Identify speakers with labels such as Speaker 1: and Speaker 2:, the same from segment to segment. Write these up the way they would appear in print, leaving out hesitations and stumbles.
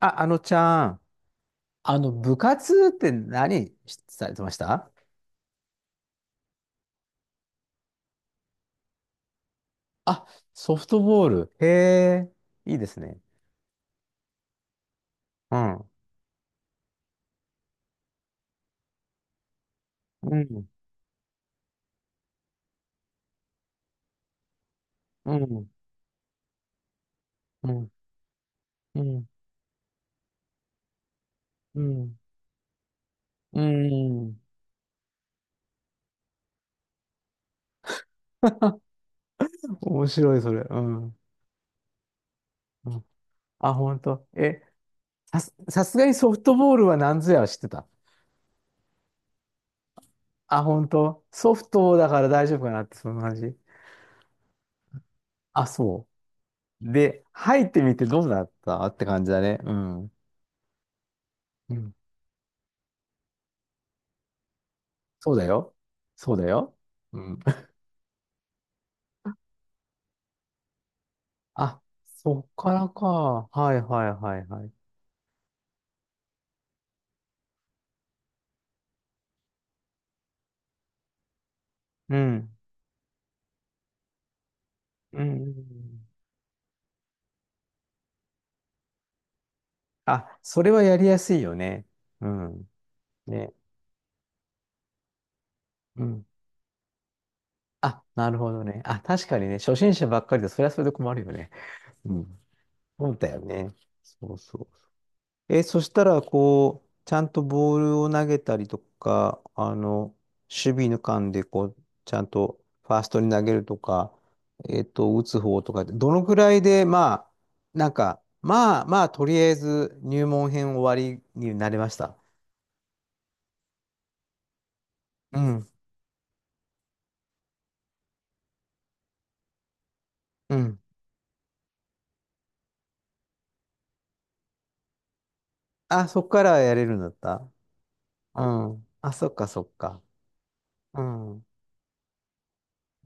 Speaker 1: あ、あのちゃん、あの、部活って何しされてました？あ、ソフトボール。へえ、いいですね。うん。うん。うん。うん。うん。うん。うん。面白い、それ。うん。うん。あ、本当。え、さすがにソフトボールは何ぞやは知ってた。あ、本当。ソフトだから大丈夫かなって、その話。あ、そう。で、入ってみてどうだったって感じだね。うん。うん。そうだよ。そうだよ。うん。あ、そっからか。はいはいはいはい。うん。うん。あ、それはやりやすいよね。うん。ね。うん。あ、なるほどね。あ、確かにね、初心者ばっかりで、それはそれで困るよね。うん。そうだよね。そうそう。え、そしたら、こう、ちゃんとボールを投げたりとか、あの、守備の間で、こう、ちゃんとファーストに投げるとか、打つ方とかって、どのくらいで、まあ、なんか、まあまあ、とりあえず入門編終わりになりました。うん、うん。あ、そっからやれるんだった？うん。あ、そっか、そっか。うん、う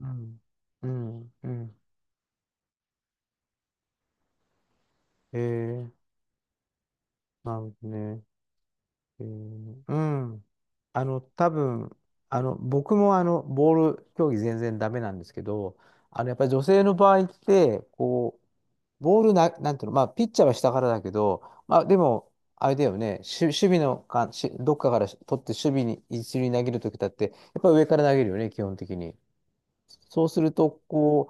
Speaker 1: ん、うん、うん。へえ、なるほどね。えーうん。あの、多分、あの、僕もあの、ボール競技全然ダメなんですけど、あの、やっぱり女性の場合って、こう、ボールな、なんていうの、まあ、ピッチャーは下からだけど、まあ、でも、あれだよね、し守備のか、しどっかから取って守備に一塁に投げるときだって、やっぱり上から投げるよね、基本的に。そうすると、こ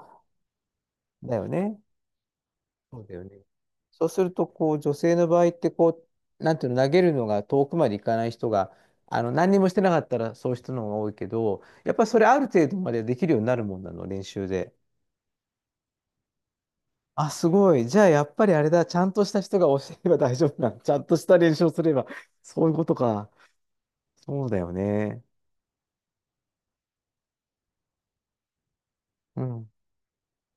Speaker 1: う、だよね。そうだよね。そうすると、こう、女性の場合って、こう、なんていうの、投げるのが遠くまで行かない人が、あの、何にもしてなかったらそういう人の方が多いけど、やっぱりそれある程度までできるようになるもんなの、練習で。あ、すごい。じゃあ、やっぱりあれだ、ちゃんとした人が教えれば大丈夫なの。ちゃんとした練習をすれば、そういうことか。そうだよね。うん、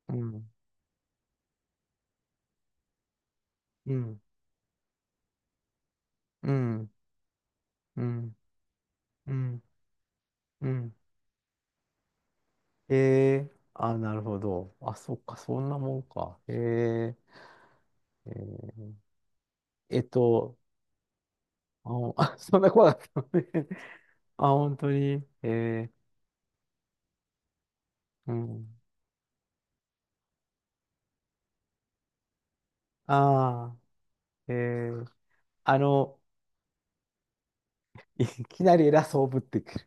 Speaker 1: うん、うん、うん、うん、うん、うん。ええ、あ、なるほど。あ、そっか、そんなもんか。へえ、へえ。えっと、あ、あ そんな怖かったのね。あ、本当に。えー、うん。ああ、えー、あの、いきなり偉そうぶってく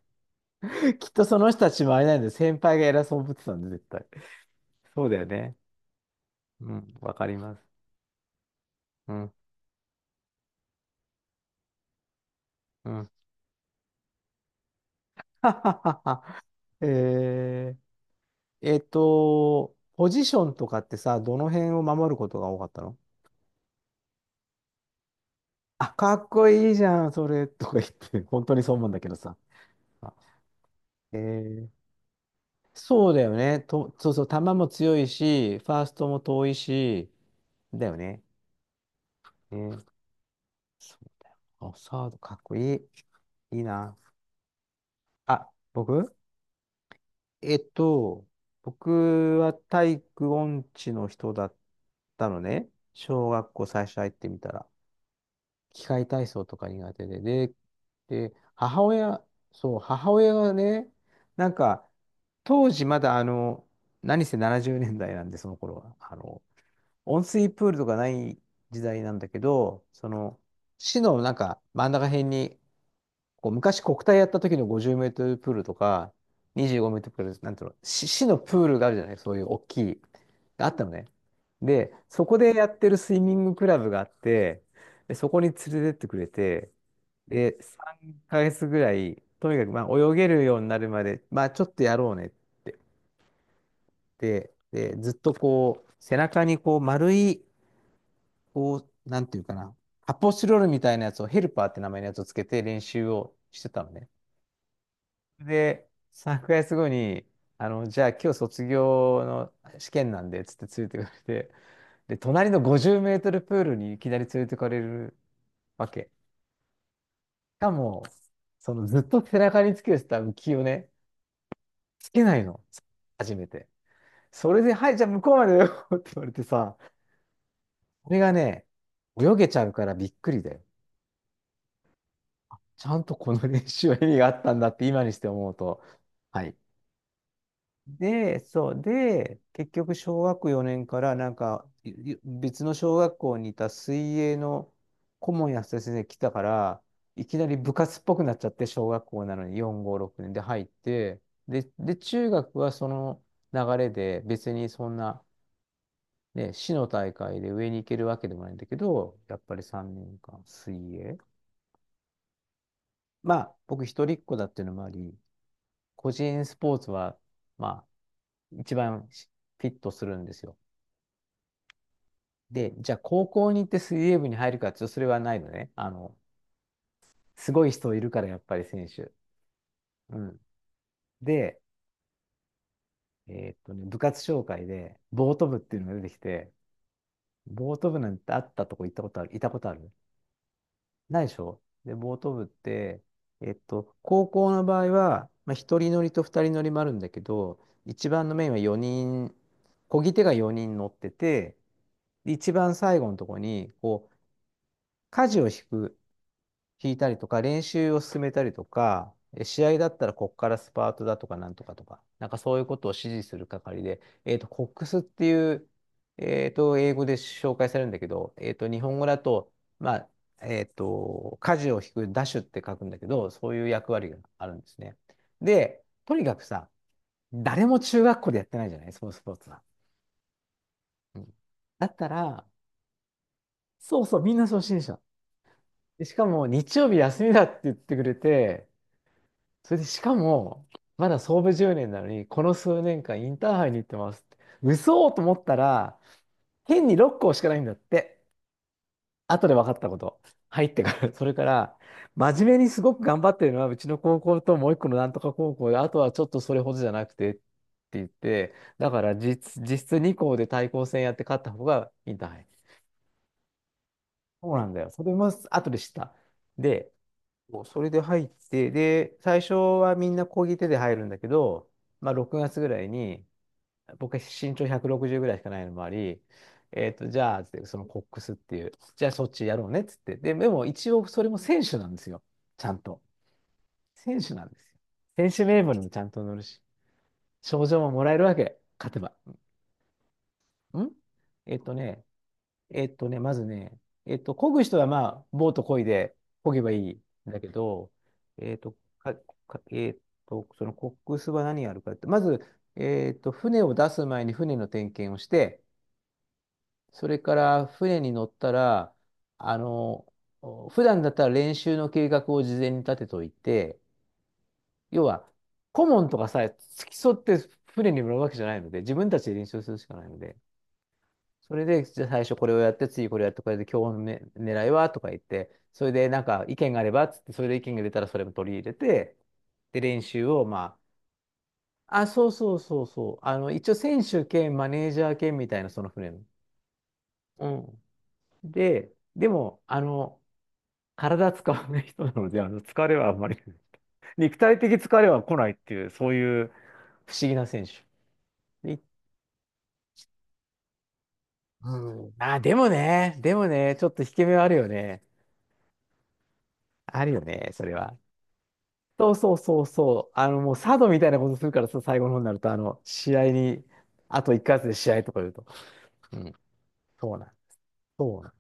Speaker 1: る。きっとその人たちもあれなんで、先輩が偉そうぶってたんで、絶対。そうだよね。うん、わかります。うん、うん。はははは。えー、ポジションとかってさ、どの辺を守ることが多かったの？あ、かっこいいじゃん、それ、とか言って、本当にそう思うんだけどさ。あ。えー。そうだよね。と、そうそう、球も強いし、ファーストも遠いし、だよね。ね。そうだよ。あ、サードかっこいい。いいな。あ、僕。えっと、僕は体育音痴の人だったのね。小学校最初入ってみたら。機械体操とか苦手で。で、母親、そう、母親がね、なんか、当時まだあの、何せ70年代なんで、その頃は。あの、温水プールとかない時代なんだけど、その、市のなんか真ん中辺に、こう昔国体やった時の50メートルプールとか、25メートルプール、なんていうの、市のプールがあるじゃない、そういう大きい、があったのね。で、そこでやってるスイミングクラブがあって、で、そこに連れてってくれて、で、3ヶ月ぐらい、とにかくまあ泳げるようになるまで、まあちょっとやろうねって。で、ずっとこう、背中にこう丸い、こう、なんていうかな、発泡スチロールみたいなやつをヘルパーって名前のやつをつけて練習をしてたのね。で、3ヶ月後に、あの、じゃあ今日卒業の試験なんで、つって連れてかれて、で、隣の50メートルプールにいきなり連れてかれるわけ。しかも、そのずっと背中につけてた浮きをね、つけないの。初めて。それで、はい、じゃあ向こうまでよって言われてさ、これがね、泳げちゃうからびっくりだよ。ちゃんとこの練習は意味があったんだって今にして思うと。はい。で、そう、で、結局、小学4年からなんか、いい別の小学校にいた水泳の顧問や先生が来たから、いきなり部活っぽくなっちゃって、小学校なのに4、5、6年で入って、で、中学はその流れで、別にそんな、ね、市の大会で上に行けるわけでもないんだけど、やっぱり3年間水泳。まあ、僕一人っ子だっていうのもあり、個人スポーツは、まあ、一番フィットするんですよ。で、じゃあ高校に行って水泳部に入るかっていうと、それはないのね。あの、すごい人いるから、やっぱり選手。うん。で、部活紹介で、ボート部っていうのが出てきて、ボート部なんてあったとこ行ったことある、いたことある？ないでしょ？で、ボート部って、高校の場合は、まあ、一人乗りと二人乗りもあるんだけど、一番のメインは4人、漕ぎ手が4人乗ってて、で一番最後のところに、こう、舵を引く、引いたりとか、練習を進めたりとか、試合だったらこっからスパートだとかなんとかとか、なんかそういうことを指示する係で、コックスっていう、英語で紹介されるんだけど、日本語だと、まあ、舵を引く、ダッシュって書くんだけど、そういう役割があるんですね。で、とにかくさ、誰も中学校でやってないじゃない、そのスポーツは。うん。だったら、そうそう、みんな初心者。でしかも、日曜日休みだって言ってくれて、それでしかも、まだ創部10年なのに、この数年間インターハイに行ってますって。嘘と思ったら、変に6校しかないんだって。後で分かったこと。入ってから、それから、真面目にすごく頑張ってるのは、うちの高校ともう一個のなんとか高校で、あとはちょっとそれほどじゃなくてって言って、だから実質2校で対抗戦やって勝った方がインターハイ。そうなんだよ。それも後で知った。で、そうそれで入って、で、最初はみんな漕ぎ手で入るんだけど、まあ、6月ぐらいに、僕は身長160ぐらいしかないのもあり、じゃあ、つってそのコックスっていう、じゃあそっちやろうねっつって。で、でも一応それも選手なんですよ。ちゃんと。選手なんですよ。選手名簿にもちゃんと載るし、賞状ももらえるわけ、勝てば。んえっとね、えっとね、まずね、漕ぐ人はまあ、ボート漕いで漕げばいいんだけど、えっと、か、かえっと、そのコックスは何やるかって、まず、船を出す前に船の点検をして、それから船に乗ったら、あの、普段だったら練習の計画を事前に立てといて、要は、顧問とかさ、付き添って船に乗るわけじゃないので、自分たちで練習するしかないので、それで、じゃあ最初これをやって、次これやって、これで今日の、ね、狙いはとか言って、それでなんか意見があればっつって、それで意見が出たらそれも取り入れて、で、練習をまあ、あ、そうそうそうそう、あの、一応選手兼マネージャー兼みたいなそのフレーム。うん。で、でも、あの、体使わない人なので、あの、疲れはあんまり 肉体的疲れは来ないっていう、そういう不思議な選手。で、うん。あ、でもね、ちょっと引け目はあるよね。あるよね、それは。そうそうそうそう。あの、もうサードみたいなことするからさ、最後の方になると、あの、試合に、あと1ヶ月で試合とか言うと。うん。そうなん。そうなん。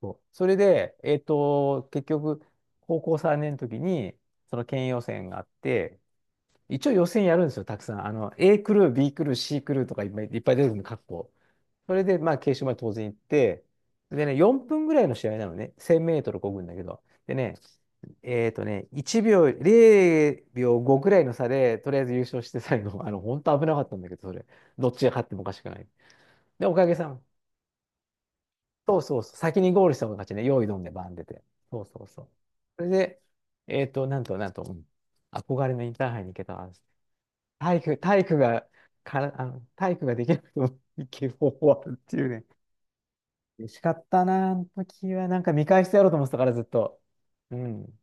Speaker 1: そう。それで、結局、高校3年の時に、その県予選があって、一応予選やるんですよ、たくさん。あの、A クルー、B クルー、C クルーとかいっぱいいっぱい出てくるの、各校。それで、まあ、決勝まで当然行って、でね、4分ぐらいの試合なのね、1000メートル漕ぐんだけど。でね、1秒、0秒5ぐらいの差で、とりあえず優勝して最後、あの、本当危なかったんだけど、それ、どっちが勝ってもおかしくない。で、おかげさん、そうそうそう、先にゴールした方が勝ちね、用意どんでバン出て。そうそうそう。それで、なんと、なんと、うん、憧れのインターハイに行けた。体育が、から、あの、体育ができなくても行ける方法はあるっていうね。嬉しかったな、あの時は。なんか見返してやろうと思ってたから、ずっと。うん。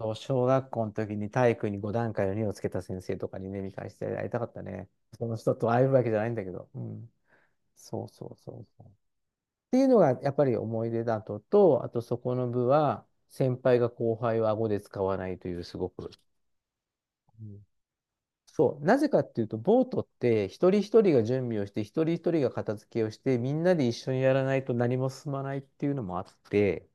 Speaker 1: そう、小学校の時に体育に5段階の2をつけた先生とかにね、見返してやりたかったね。その人と会えるわけじゃないんだけど。うん。そうそうそうそう。っていうのがやっぱり思い出だと、と、あとそこの部は、先輩が後輩を顎で使わないという、すごく。うん、そう。なぜかっていうと、ボートって一人一人が準備をして、一人一人が片付けをして、みんなで一緒にやらないと何も進まないっていうのもあって、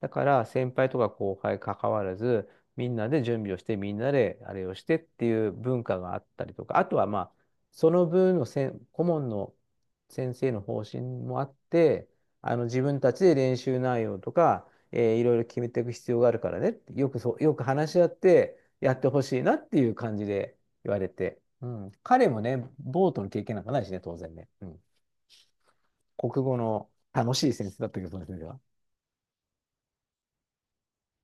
Speaker 1: だから先輩とか後輩関わらず、みんなで準備をして、みんなであれをしてっていう文化があったりとか、あとはまあ、その顧問の先生の方針もあって、あの自分たちで練習内容とか、えーいろいろ決めていく必要があるからねって、よく話し合ってやってほしいなっていう感じで。言われて、うん、彼もね、ボートの経験なんかないしね、当然ね。うん、国語の楽しい先生だったけど、その先生は。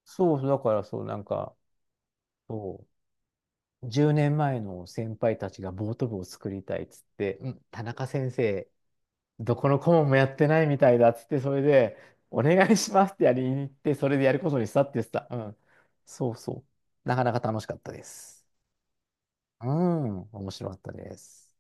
Speaker 1: そうそう、だからそ10年前の先輩たちがボート部を作りたいっつって、うん、田中先生、どこの顧問もやってないみたいだっつって、それで、お願いしますってやりに行って、それでやることにしたって言ってた。うん。そうそう。なかなか楽しかったです。うん、面白かったです。